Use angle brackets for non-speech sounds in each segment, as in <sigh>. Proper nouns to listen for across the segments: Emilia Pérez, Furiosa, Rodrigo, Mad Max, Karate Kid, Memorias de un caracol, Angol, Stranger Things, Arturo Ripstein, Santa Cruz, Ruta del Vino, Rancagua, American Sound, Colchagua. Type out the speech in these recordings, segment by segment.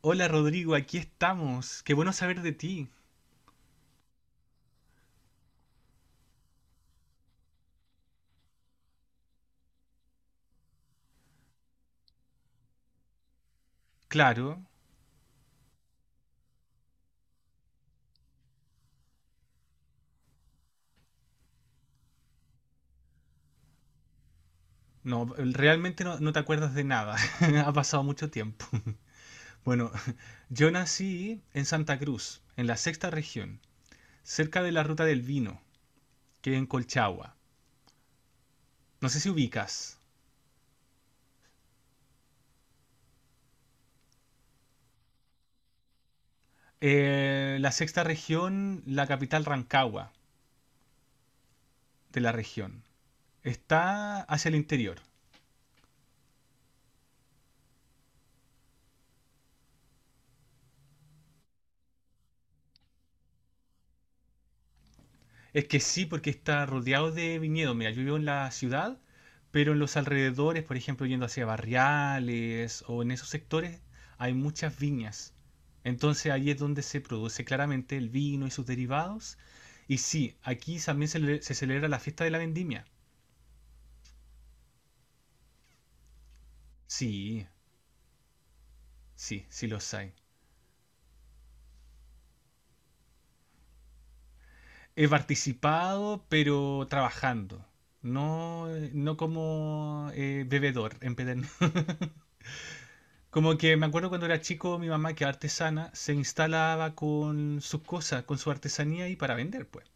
Hola Rodrigo, aquí estamos. Qué bueno saber de ti. Claro, no, realmente no te acuerdas de nada. <laughs> Ha pasado mucho tiempo. Bueno, <laughs> yo nací en Santa Cruz, en la sexta región, cerca de la Ruta del Vino, que es en Colchagua. No sé si ubicas. La sexta región, la capital Rancagua de la región. Está hacia el interior. Es que sí, porque está rodeado de viñedos. Mira, yo vivo en la ciudad, pero en los alrededores, por ejemplo, yendo hacia barriales o en esos sectores, hay muchas viñas. Entonces ahí es donde se produce claramente el vino y sus derivados. Y sí, aquí también se celebra la fiesta de la vendimia. Sí, sí, sí los hay. He participado, pero trabajando. No, no como bebedor en empedernido. Como que me acuerdo cuando era chico, mi mamá, que es artesana, se instalaba con sus cosas, con su artesanía y para vender, pues.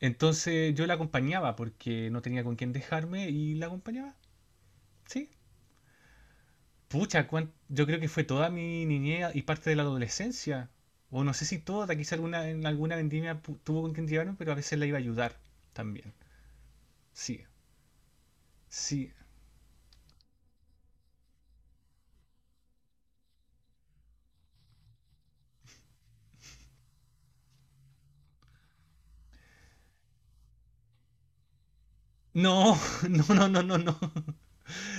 Entonces yo la acompañaba porque no tenía con quién dejarme y la acompañaba, sí. Pucha, yo creo que fue toda mi niñez y parte de la adolescencia. O no sé si toda, quizá alguna, en alguna vendimia tuvo con quien llevarme, pero a veces la iba a ayudar también. Sí, sí. No, <laughs> no, no, no, no, no.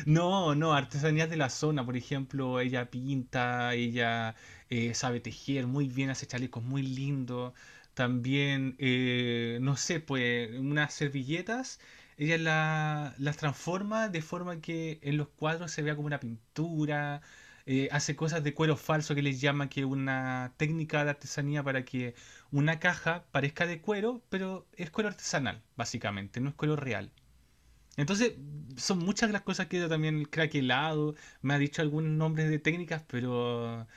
No, no, artesanías de la zona, por ejemplo, ella pinta, ella sabe tejer muy bien, hace chalecos muy lindos. También, no sé, pues unas servilletas, ella las transforma de forma que en los cuadros se vea como una pintura. Hace cosas de cuero falso que les llama que es una técnica de artesanía para que una caja parezca de cuero, pero es cuero artesanal, básicamente, no es cuero real. Entonces, son muchas las cosas que yo también el craquelado, me ha dicho algunos nombres de técnicas, pero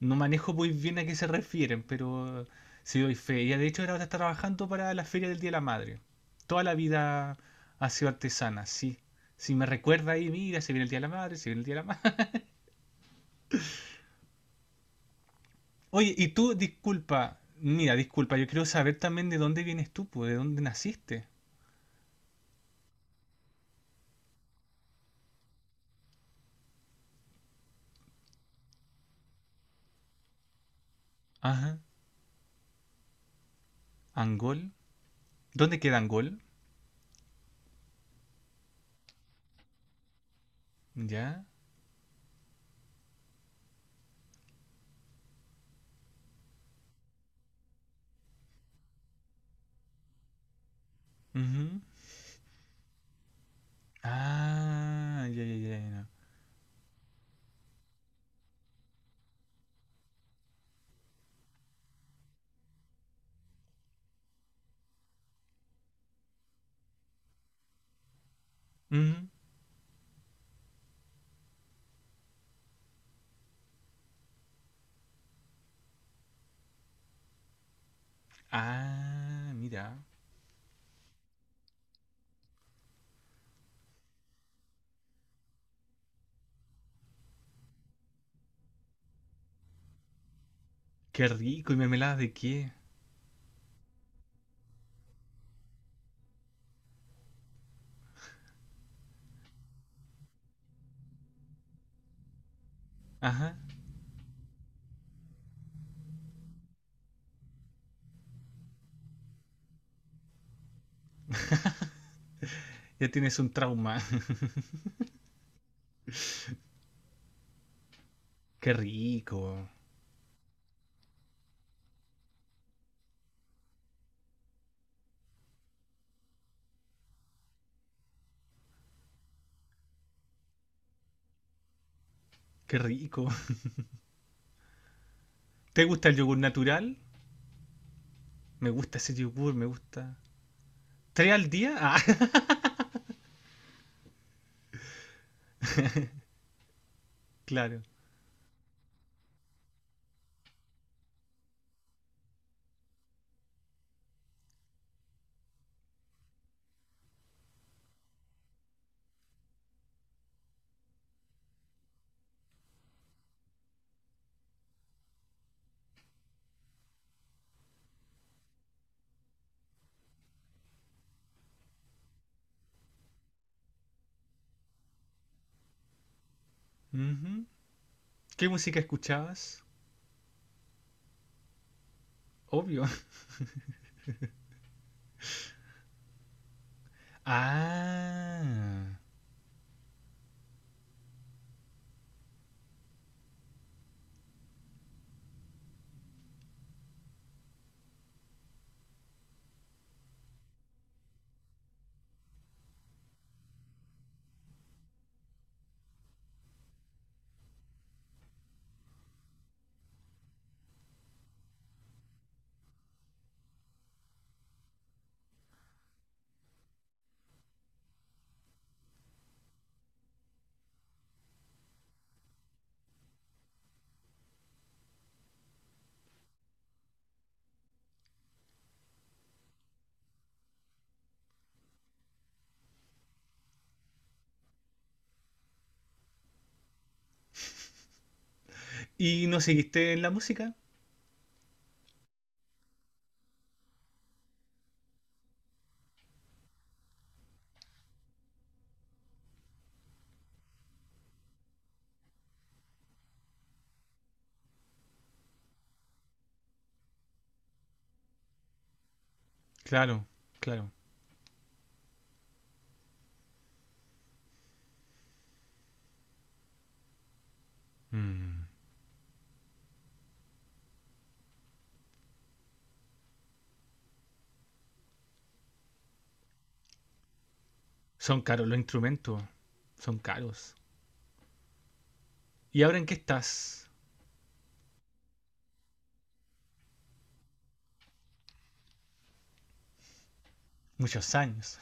no manejo muy bien a qué se refieren, pero sí doy fe. Ella de hecho ahora está trabajando para la Feria del Día de la Madre. Toda la vida ha sido artesana, sí. Si me recuerda ahí, mira, se viene el Día de la Madre, se viene el Día de la Madre. <laughs> Oye, y tú, disculpa, mira, disculpa, yo quiero saber también de dónde vienes tú, pues, de dónde naciste. Ajá, Angol. ¿Dónde queda Angol? Ya. Ujú. Ah, ya, ya, ya, ya. Mm. Ah, mira. Qué rico. ¿Y mermelada de qué? Ajá. Ya tienes un trauma. <laughs> Qué rico. Qué rico. ¿Te gusta el yogur natural? Me gusta ese yogur, me gusta. ¿Tres al día? Ah, <laughs> claro. Ujú. ¿Qué música escuchabas? Obvio. <laughs> Ah. ¿Y no seguiste en la música? Claro, claro. Mm. Son caros los instrumentos. Son caros. ¿Y ahora en qué estás? Muchos años.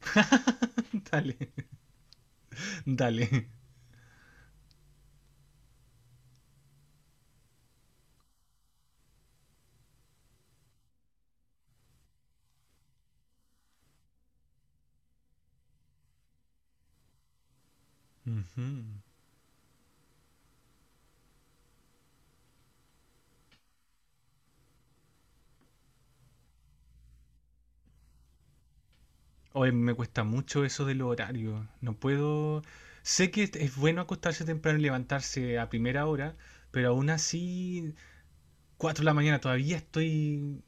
<laughs> Dale, dale. Ujú. Hoy me cuesta mucho eso del horario. No puedo... Sé que bueno acostarse temprano y levantarse a primera hora, pero aún así, 4 de la mañana todavía estoy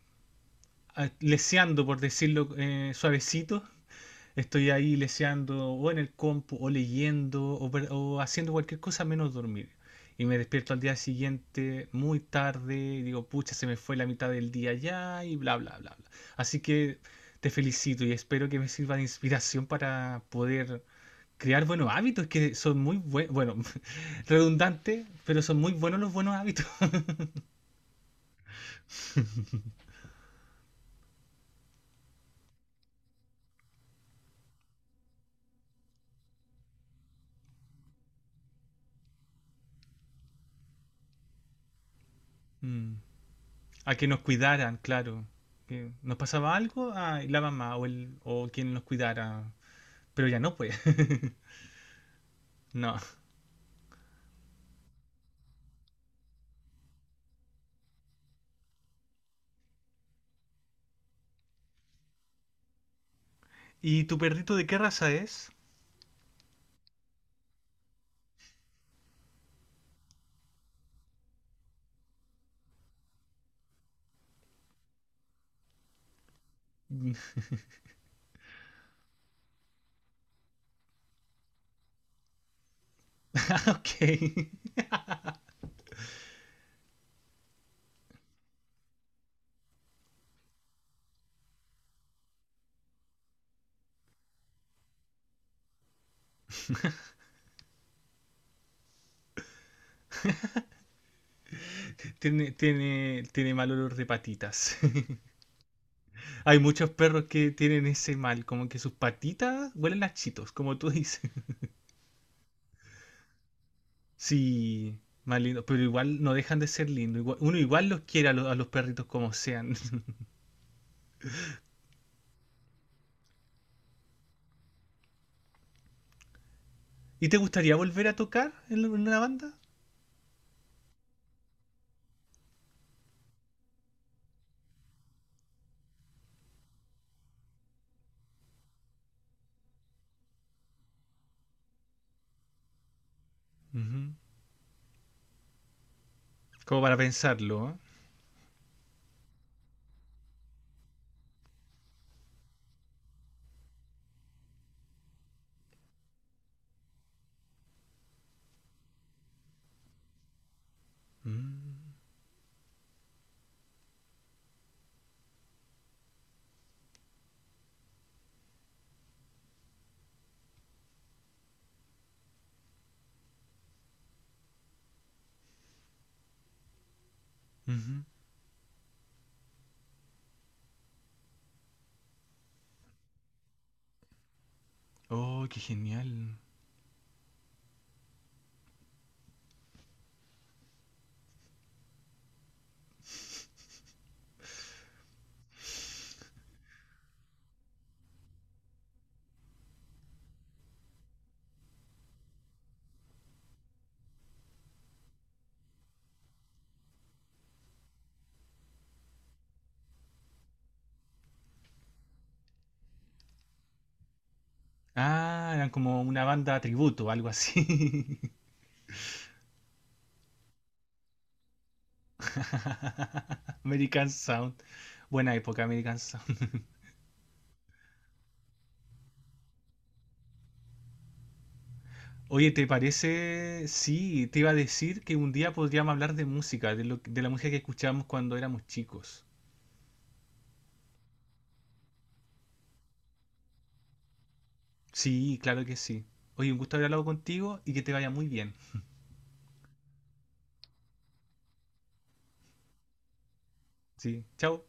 leseando, por decirlo suavecito. Estoy ahí leseando o en el compu o leyendo o haciendo cualquier cosa menos dormir. Y me despierto al día siguiente muy tarde y digo, pucha, se me fue la mitad del día ya y bla, bla, bla, bla. Así que te felicito y espero que me sirva de inspiración para poder crear buenos hábitos que son muy buenos, bueno, <laughs> redundante, pero son muy buenos los buenos hábitos. <laughs> Mm. A que nos cuidaran, claro. Que nos pasaba algo, ah, y la mamá o quien nos cuidara. Pero ya no, pues. <laughs> No. ¿Y tu perrito de qué raza es? <laughs> Ok, tiene mal olor de patitas. <laughs> Hay muchos perros que tienen ese mal, como que sus patitas huelen a chitos, como tú <laughs> dices. Sí, más lindo, pero igual no dejan de ser lindos. Uno igual los quiere a los perritos como sean. <laughs> ¿Y te gustaría volver a tocar en en una banda? Ujú. Como para pensarlo, ¿eh? Mm. Ujú. Oh, qué genial. Ah, eran como una banda tributo, algo así. <laughs> American Sound. Buena época, American Sound. Oye, ¿te parece? Sí, te iba a decir que un día podríamos hablar de música, de la música que escuchábamos cuando éramos chicos. Sí, claro que sí. Oye, un gusto haber hablado contigo y que te vaya muy bien. Sí, chao.